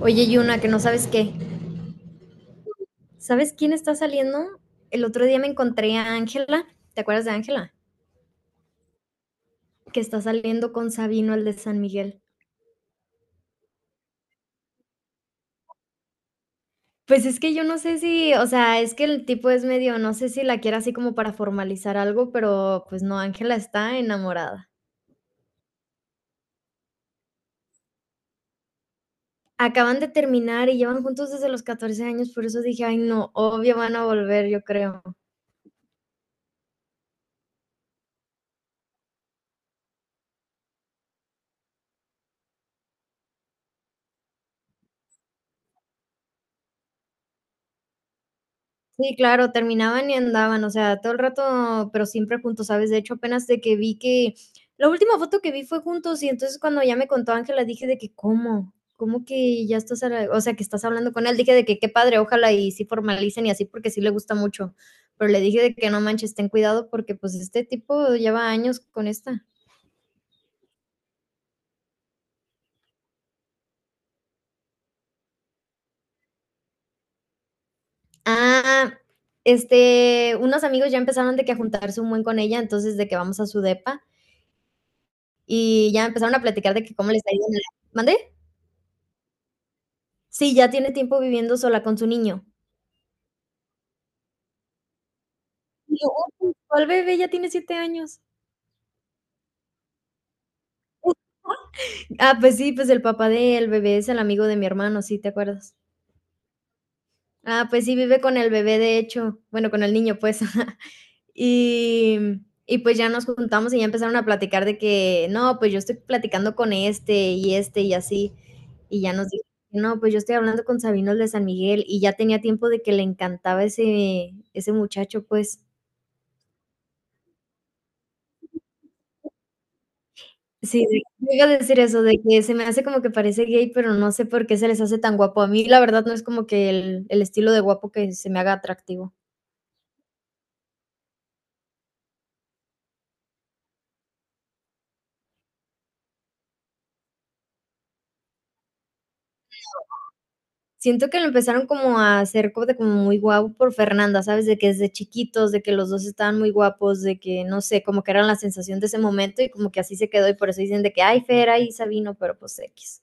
Oye, Yuna, que no sabes qué. ¿Sabes quién está saliendo? El otro día me encontré a Ángela. ¿Te acuerdas de Ángela? Que está saliendo con Sabino, el de San Miguel. Pues es que yo no sé si, o sea, es que el tipo es medio, no sé si la quiere así como para formalizar algo, pero pues no, Ángela está enamorada. Acaban de terminar y llevan juntos desde los 14 años, por eso dije, ay no, obvio van a volver, yo creo. Sí, claro, terminaban y andaban, o sea, todo el rato, pero siempre juntos, ¿sabes? De hecho, apenas de que vi que la última foto que vi fue juntos y entonces cuando ya me contó Ángela dije de que, ¿cómo? ¿Cómo que ya estás, o sea, que estás hablando con él? Dije de que qué padre, ojalá y sí formalicen y así porque sí le gusta mucho. Pero le dije de que no manches, ten cuidado porque pues este tipo lleva años con esta. Ah, este, unos amigos ya empezaron de que a juntarse un buen con ella, entonces de que vamos a su depa y ya empezaron a platicar de que cómo les ha ido en la... ¿Mande? Sí, ya tiene tiempo viviendo sola con su niño. Y yo, oye, ¿cuál bebé? Ya tiene 7 años. Ah, pues sí, pues el papá del bebé es el amigo de mi hermano, sí, ¿te acuerdas? Ah, pues sí, vive con el bebé, de hecho, bueno, con el niño, pues. Y, y pues ya nos juntamos y ya empezaron a platicar de que, no, pues yo estoy platicando con este y este y así. Y ya nos dijo, no, pues yo estoy hablando con Sabino el de San Miguel y ya tenía tiempo de que le encantaba ese muchacho, pues. Sí, sí, yo iba a decir eso, de que se me hace como que parece gay, pero no sé por qué se les hace tan guapo. A mí, la verdad, no es como que el estilo de guapo que se me haga atractivo. Siento que lo empezaron como a hacer co de como muy guapo por Fernanda, ¿sabes? De que desde chiquitos, de que los 2 estaban muy guapos, de que, no sé, como que eran la sensación de ese momento y como que así se quedó, y por eso dicen de que: "Ay, Fera y Sabino", pero, pues, equis.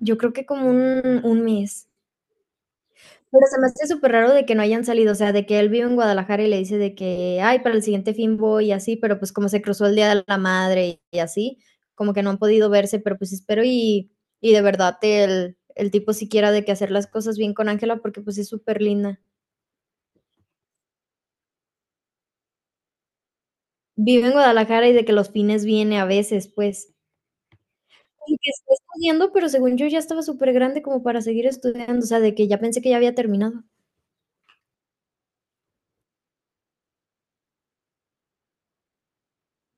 Yo creo que como un mes. Pero se me hace súper raro de que no hayan salido, o sea, de que él vive en Guadalajara y le dice de que, ay, para el siguiente fin voy y así, pero pues como se cruzó el Día de la Madre y así, como que no han podido verse, pero pues espero y de verdad el tipo siquiera de que hacer las cosas bien con Ángela porque pues es súper linda. Vive en Guadalajara y de que los fines viene a veces, pues. Y que está estudiando, pero según yo ya estaba súper grande como para seguir estudiando, o sea, de que ya pensé que ya había terminado.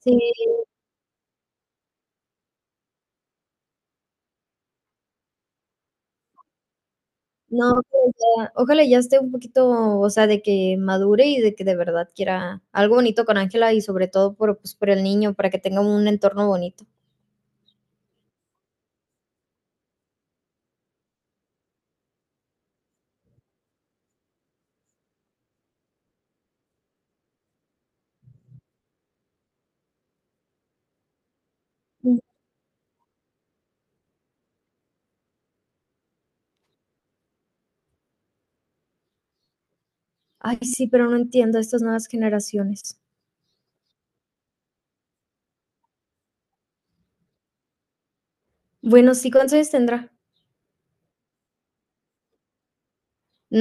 Sí. No, pero ya ojalá ya esté un poquito, o sea, de que madure y de que de verdad quiera algo bonito con Ángela y sobre todo por, pues, por el niño, para que tenga un entorno bonito. Mm. Ay, sí, pero no entiendo a estas nuevas generaciones. Bueno, sí, ¿cuántos años tendrá?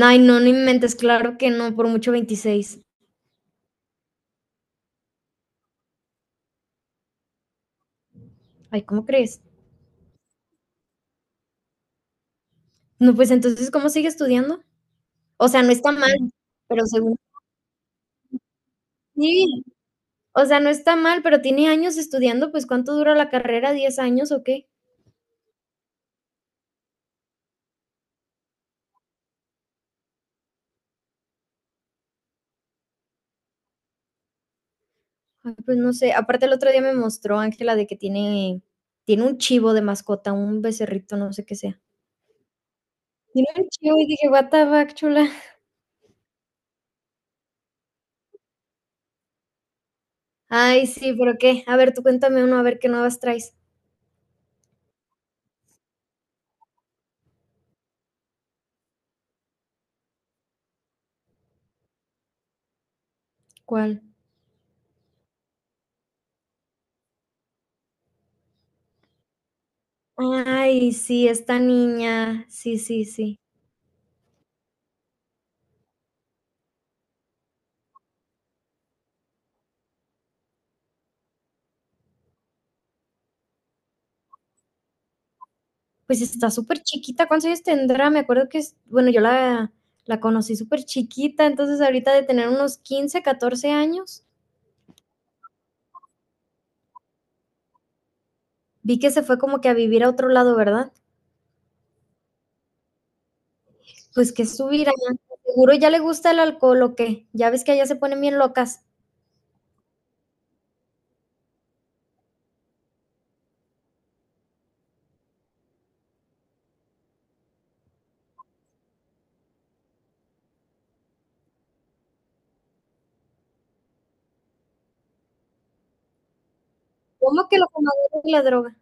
Ay, no, no inventes, claro que no, por mucho 26. Ay, ¿cómo crees? No, pues entonces, ¿cómo sigue estudiando? O sea, no está mal, pero según... Sí, o sea, no está mal, pero tiene años estudiando, pues ¿cuánto dura la carrera? ¿10 años o qué? Ay, pues no sé, aparte el otro día me mostró Ángela de que tiene tiene un chivo de mascota, un becerrito, no sé qué sea. Tiene un chivo y dije, what the fuck, chula. Ay, sí, pero qué. A ver, tú cuéntame uno, a ver qué nuevas traes. ¿Cuál? Ay, sí, esta niña. Sí, sí, sí. Pues está súper chiquita. ¿Cuántos años tendrá? Me acuerdo que es, bueno, yo la, la conocí súper chiquita, entonces ahorita de tener unos 15, 14 años, vi que se fue como que a vivir a otro lado, ¿verdad? Pues que subir allá. Seguro ya le gusta el alcohol o qué. Ya ves que allá se ponen bien locas. ¿Cómo que lo comadre y la droga?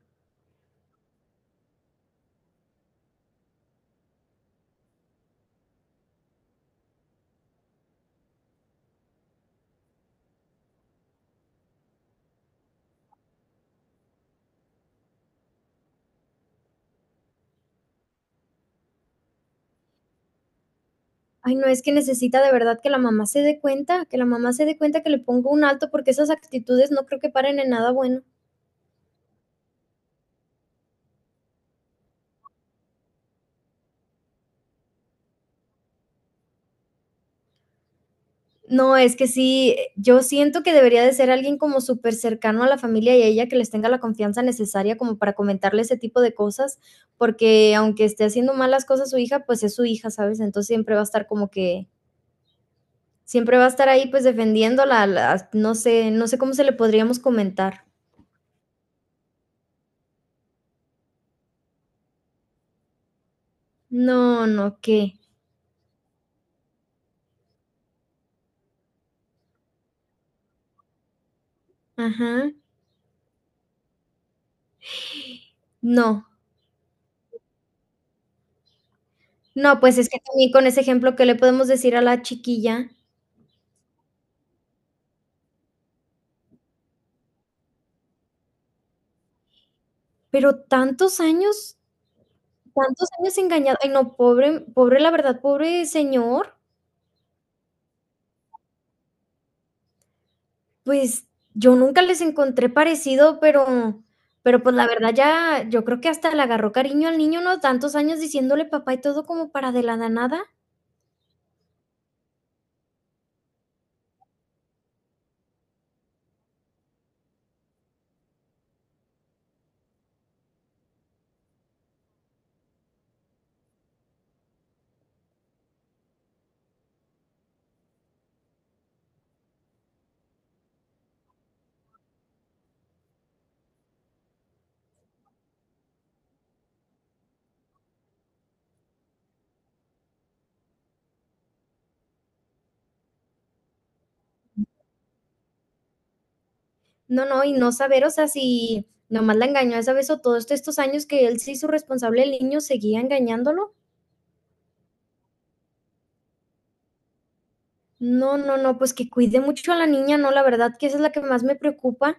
Ay, no, es que necesita de verdad que la mamá se dé cuenta, que la mamá se dé cuenta que le ponga un alto porque esas actitudes no creo que paren en nada bueno. No, es que sí, yo siento que debería de ser alguien como súper cercano a la familia y a ella que les tenga la confianza necesaria como para comentarle ese tipo de cosas, porque aunque esté haciendo malas cosas su hija, pues es su hija, ¿sabes? Entonces siempre va a estar como que siempre va a estar ahí, pues, defendiéndola, la no sé cómo se le podríamos comentar. No, no, ¿qué? Ajá. No. No, pues, es que también con ese ejemplo, ¿qué le podemos decir a la chiquilla? Pero tantos años engañado. Ay, no, pobre pobre, la verdad, pobre señor. Pues, yo nunca les encontré parecido, pero pues, la verdad ya yo creo que hasta le agarró cariño al niño, ¿no? Tantos años diciéndole papá y todo como para de la nada. No, no, y no saber, o sea, si nomás la engañó esa vez o todos estos años que él se hizo responsable el niño, seguía engañándolo. No, no, no, pues que cuide mucho a la niña, no, la verdad que esa es la que más me preocupa.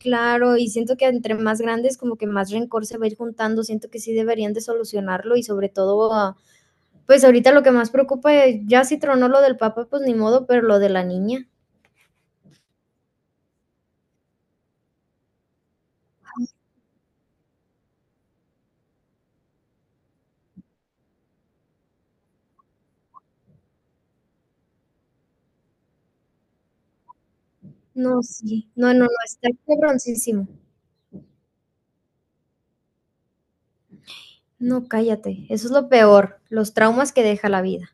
Claro, y siento que entre más grandes, como que más rencor se va a ir juntando. Siento que sí deberían de solucionarlo y sobre todo, ah, pues ahorita lo que más preocupa, ya si tronó lo del papá, pues ni modo, pero lo de la niña, no, sí, no, no, no, está cabroncísimo. No, cállate, eso es lo peor, los traumas que deja la vida.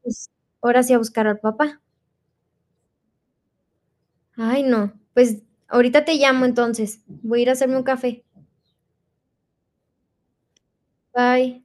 Pues, ahora sí a buscar al papá. Ay, no, pues ahorita te llamo entonces. Voy a ir a hacerme un café. Bye.